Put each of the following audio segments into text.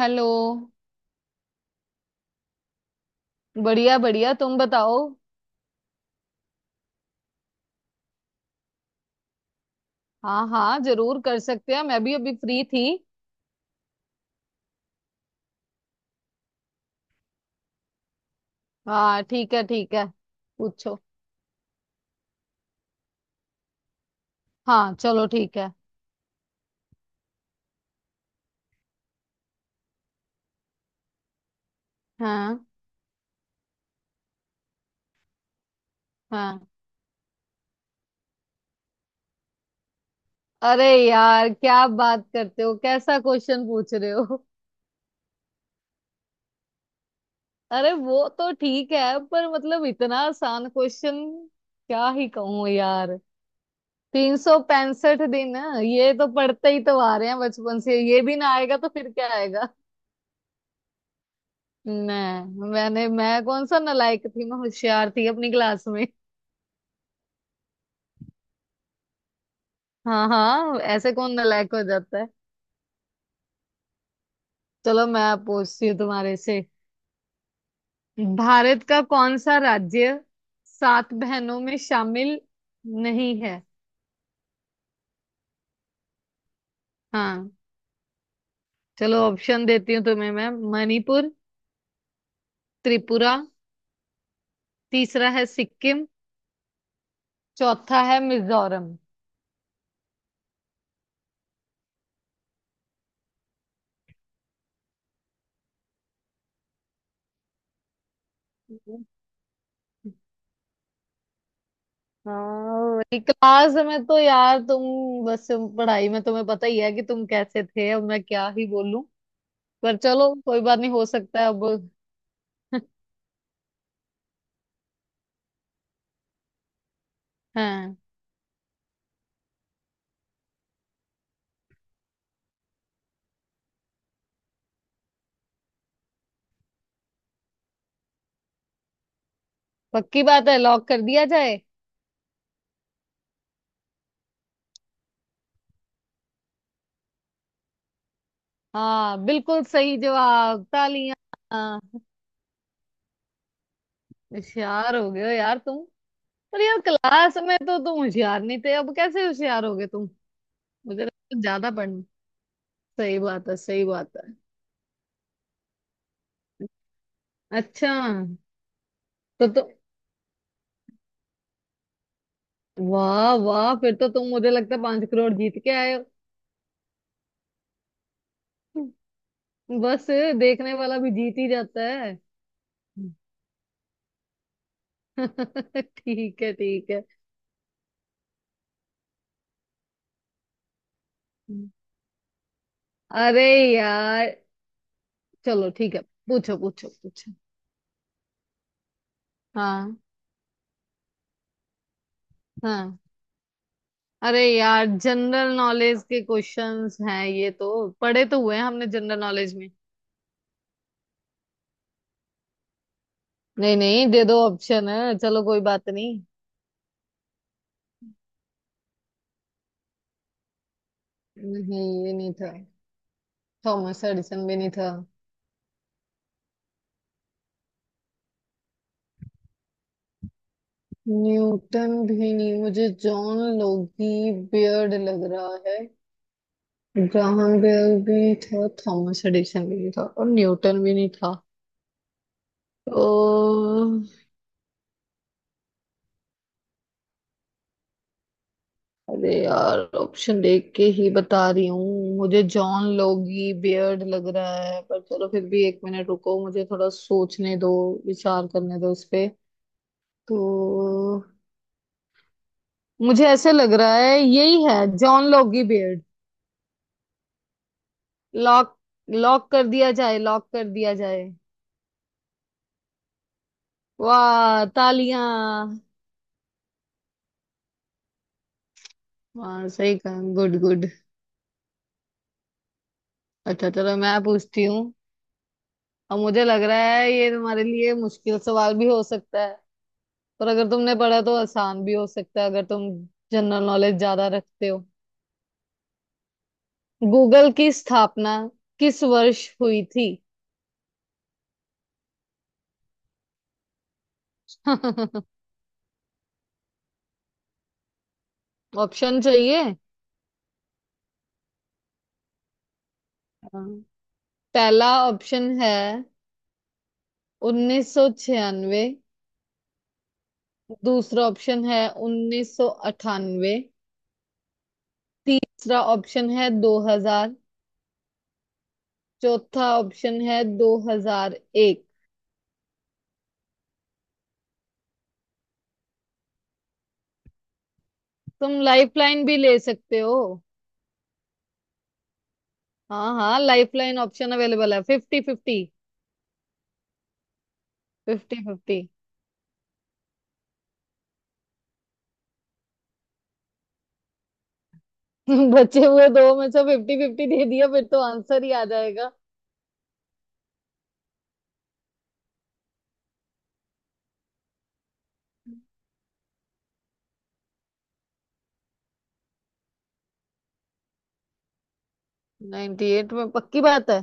Hello. बढ़िया बढ़िया, तुम बताओ। हाँ हाँ, जरूर कर सकते हैं। मैं भी अभी फ्री थी। हाँ ठीक है ठीक है। पूछो। हाँ चलो ठीक है। हाँ हाँ, अरे यार क्या बात करते हो? कैसा क्वेश्चन पूछ रहे हो? अरे वो तो ठीक है, पर मतलब इतना आसान क्वेश्चन, क्या ही कहूँ यार। 365 दिन। ये तो पढ़ते ही तो आ रहे हैं बचपन से, ये भी ना आएगा तो फिर क्या। नहीं, मैं कौन सा नालायक थी, मैं होशियार थी अपनी क्लास में। हाँ हाँ, ऐसे कौन नालायक हो जाता है। चलो मैं अब पूछती हूँ तुम्हारे से। भारत का कौन सा राज्य सात बहनों में शामिल नहीं है? हाँ, चलो ऑप्शन देती हूँ तुम्हें। मैं मणिपुर, त्रिपुरा, तीसरा है सिक्किम, चौथा है मिजोरम। हाँ क्लास में तो यार तुम, बस पढ़ाई में तुम्हें पता ही है कि तुम कैसे थे, अब मैं क्या ही बोलूं। पर चलो कोई बात नहीं, हो सकता है अब। हाँ, पक्की बात है, लॉक कर दिया जाए। हाँ बिल्कुल सही जवाब, तालियां। हाँ, होशियार हो गए हो यार तुम। पर यार क्लास में तो तुम होशियार नहीं थे, अब कैसे होशियार हो गए तुम? मुझे लगता ज्यादा पढ़ना। सही बात है, सही बात है। अच्छा। तो तुम, वाह वाह, फिर तो तुम मुझे लगता है 5 करोड़ जीत के आए हो। बस, देखने वाला भी जीत ही जाता है। ठीक है ठीक है। अरे यार। चलो ठीक है, पूछो पूछो पूछो। हाँ हाँ, अरे यार जनरल नॉलेज के क्वेश्चंस हैं, ये तो पढ़े तो हुए हैं हमने जनरल नॉलेज में। नहीं नहीं, दे दो ऑप्शन, है चलो कोई बात नहीं। नहीं, ये नहीं था। थॉमस एडिसन भी नहीं था। न्यूटन भी नहीं, मुझे जॉन लोगी बियर्ड लग रहा है। ग्राहम बेल भी था, थॉमस एडिसन भी नहीं था, और न्यूटन भी नहीं था। तो अरे यार ऑप्शन देख के ही बता रही हूँ, मुझे जॉन लोगी बियर्ड लग रहा है। पर चलो फिर भी एक मिनट रुको, मुझे थोड़ा सोचने दो, विचार करने दो इस पे। तो मुझे ऐसे लग रहा है यही है John Logie Baird. Lock, lock कर दिया जाए, लॉक कर दिया जाए। वाह, तालियां। वाह सही कहा, गुड गुड। अच्छा चलो मैं पूछती हूँ। अब मुझे लग रहा है ये तुम्हारे लिए मुश्किल सवाल भी हो सकता है। पर अगर तुमने पढ़ा तो आसान भी हो सकता है, अगर तुम जनरल नॉलेज ज्यादा रखते हो। गूगल की स्थापना किस वर्ष हुई थी? ऑप्शन चाहिए? हाँ। पहला ऑप्शन है 1996, दूसरा ऑप्शन है 1998, तीसरा ऑप्शन है 2000, चौथा ऑप्शन है 2001। तुम लाइफलाइन भी ले सकते हो। हाँ हाँ, लाइफलाइन ऑप्शन अवेलेबल है, फिफ्टी फिफ्टी। Fifty fifty. बचे हुए दो में से फिफ्टी फिफ्टी दे दिया, फिर तो आंसर ही आ जाएगा। 98 में? पक्की बात है?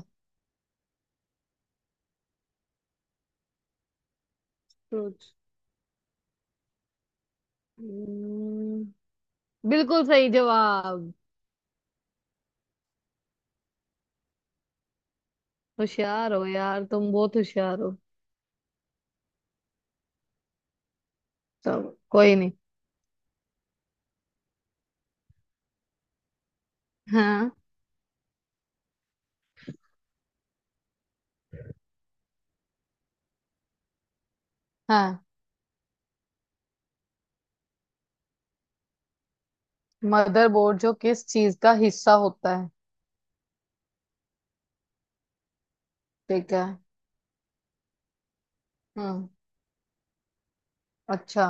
ट्रूथ, बिल्कुल सही जवाब। होशियार हो यार तुम, बहुत होशियार हो। चलो कोई नहीं। हाँ हाँ। मदरबोर्ड जो किस चीज का हिस्सा होता है? ठीक है। हम्म। अच्छा।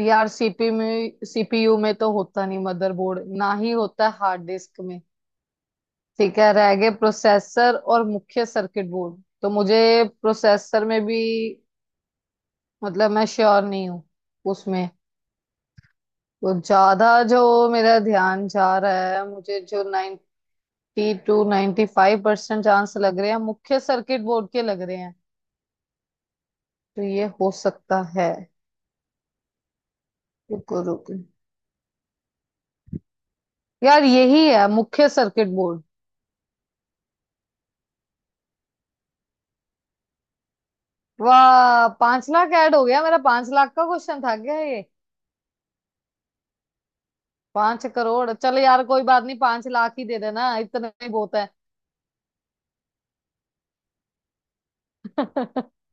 यार सीपी में, सीपीयू में तो होता नहीं मदरबोर्ड, ना ही होता हार्ड डिस्क में। ठीक है, रह गए प्रोसेसर और मुख्य सर्किट बोर्ड। तो मुझे प्रोसेसर में भी, मतलब मैं श्योर नहीं हूँ उसमें। तो ज्यादा जो मेरा ध्यान जा रहा है, मुझे जो 92 to ninety five percent chance लग रहे हैं, मुख्य सर्किट बोर्ड के लग रहे हैं। तो ये हो सकता है। रुको रुको। यार यही है मुख्य सर्किट बोर्ड। वाह, 5 लाख ऐड हो गया मेरा। 5 लाख का क्वेश्चन था क्या ये? 5 करोड़? चलो यार कोई बात नहीं, 5 लाख ही दे देना, इतना ही बहुत।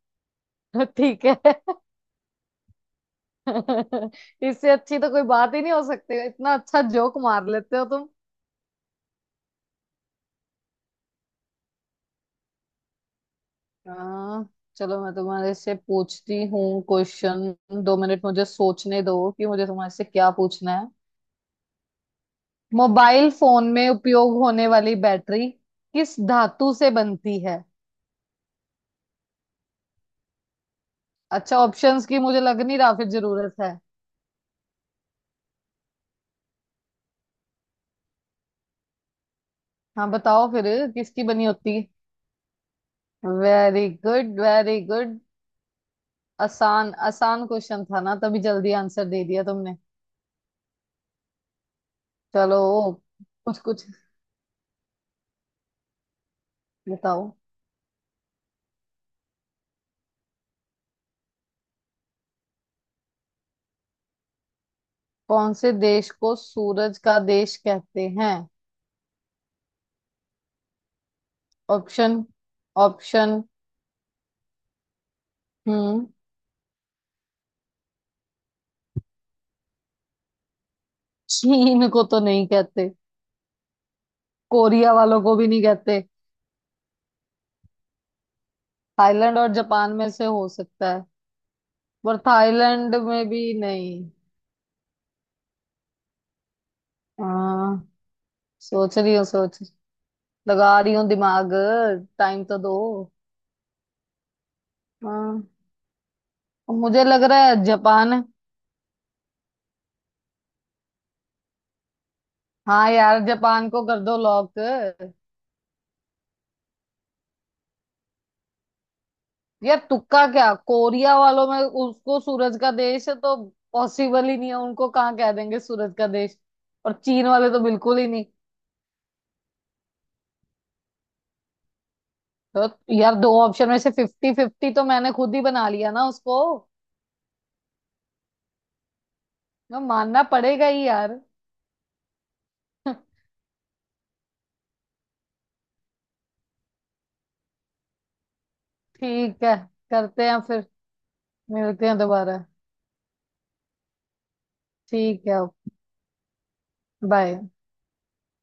ठीक है। इससे अच्छी तो कोई बात ही नहीं हो सकती, इतना अच्छा जोक मार लेते हो तुम। हाँ। चलो मैं तुम्हारे से पूछती हूँ क्वेश्चन, 2 मिनट मुझे सोचने दो कि मुझे तुम्हारे से क्या पूछना है। मोबाइल फोन में उपयोग होने वाली बैटरी किस धातु से बनती है? अच्छा, ऑप्शंस की मुझे लग नहीं रहा फिर जरूरत है। हाँ बताओ फिर। किसकी बनी होती है? Very good very good. आसान आसान क्वेश्चन था ना, तभी जल्दी आंसर दे दिया तुमने। चलो। कुछ कुछ। बताओ। कौन से देश को सूरज का देश कहते हैं? ऑप्शन। ऑप्शन। हम्म। चीन को तो नहीं कहते। कोरिया वालों को भी नहीं कहते। थाईलैंड और जापान में से हो सकता है, पर थाईलैंड में भी नहीं। हाँ। सोच रही हूँ, सोच लगा रही हूँ दिमाग। टाइम तो दो। हाँ, मुझे लग रहा है जापान है। हाँ यार, जापान को कर दो लॉक। यार तुक्का क्या, कोरिया वालों में उसको सूरज का देश है तो पॉसिबल ही नहीं है, उनको कहाँ कह देंगे सूरज का देश। और चीन वाले तो बिल्कुल ही नहीं। तो यार दो ऑप्शन में से फिफ्टी फिफ्टी तो मैंने खुद ही बना लिया ना उसको। मैं मानना पड़ेगा ही यार। ठीक है, करते हैं फिर, मिलते हैं दोबारा। ठीक है, बाय।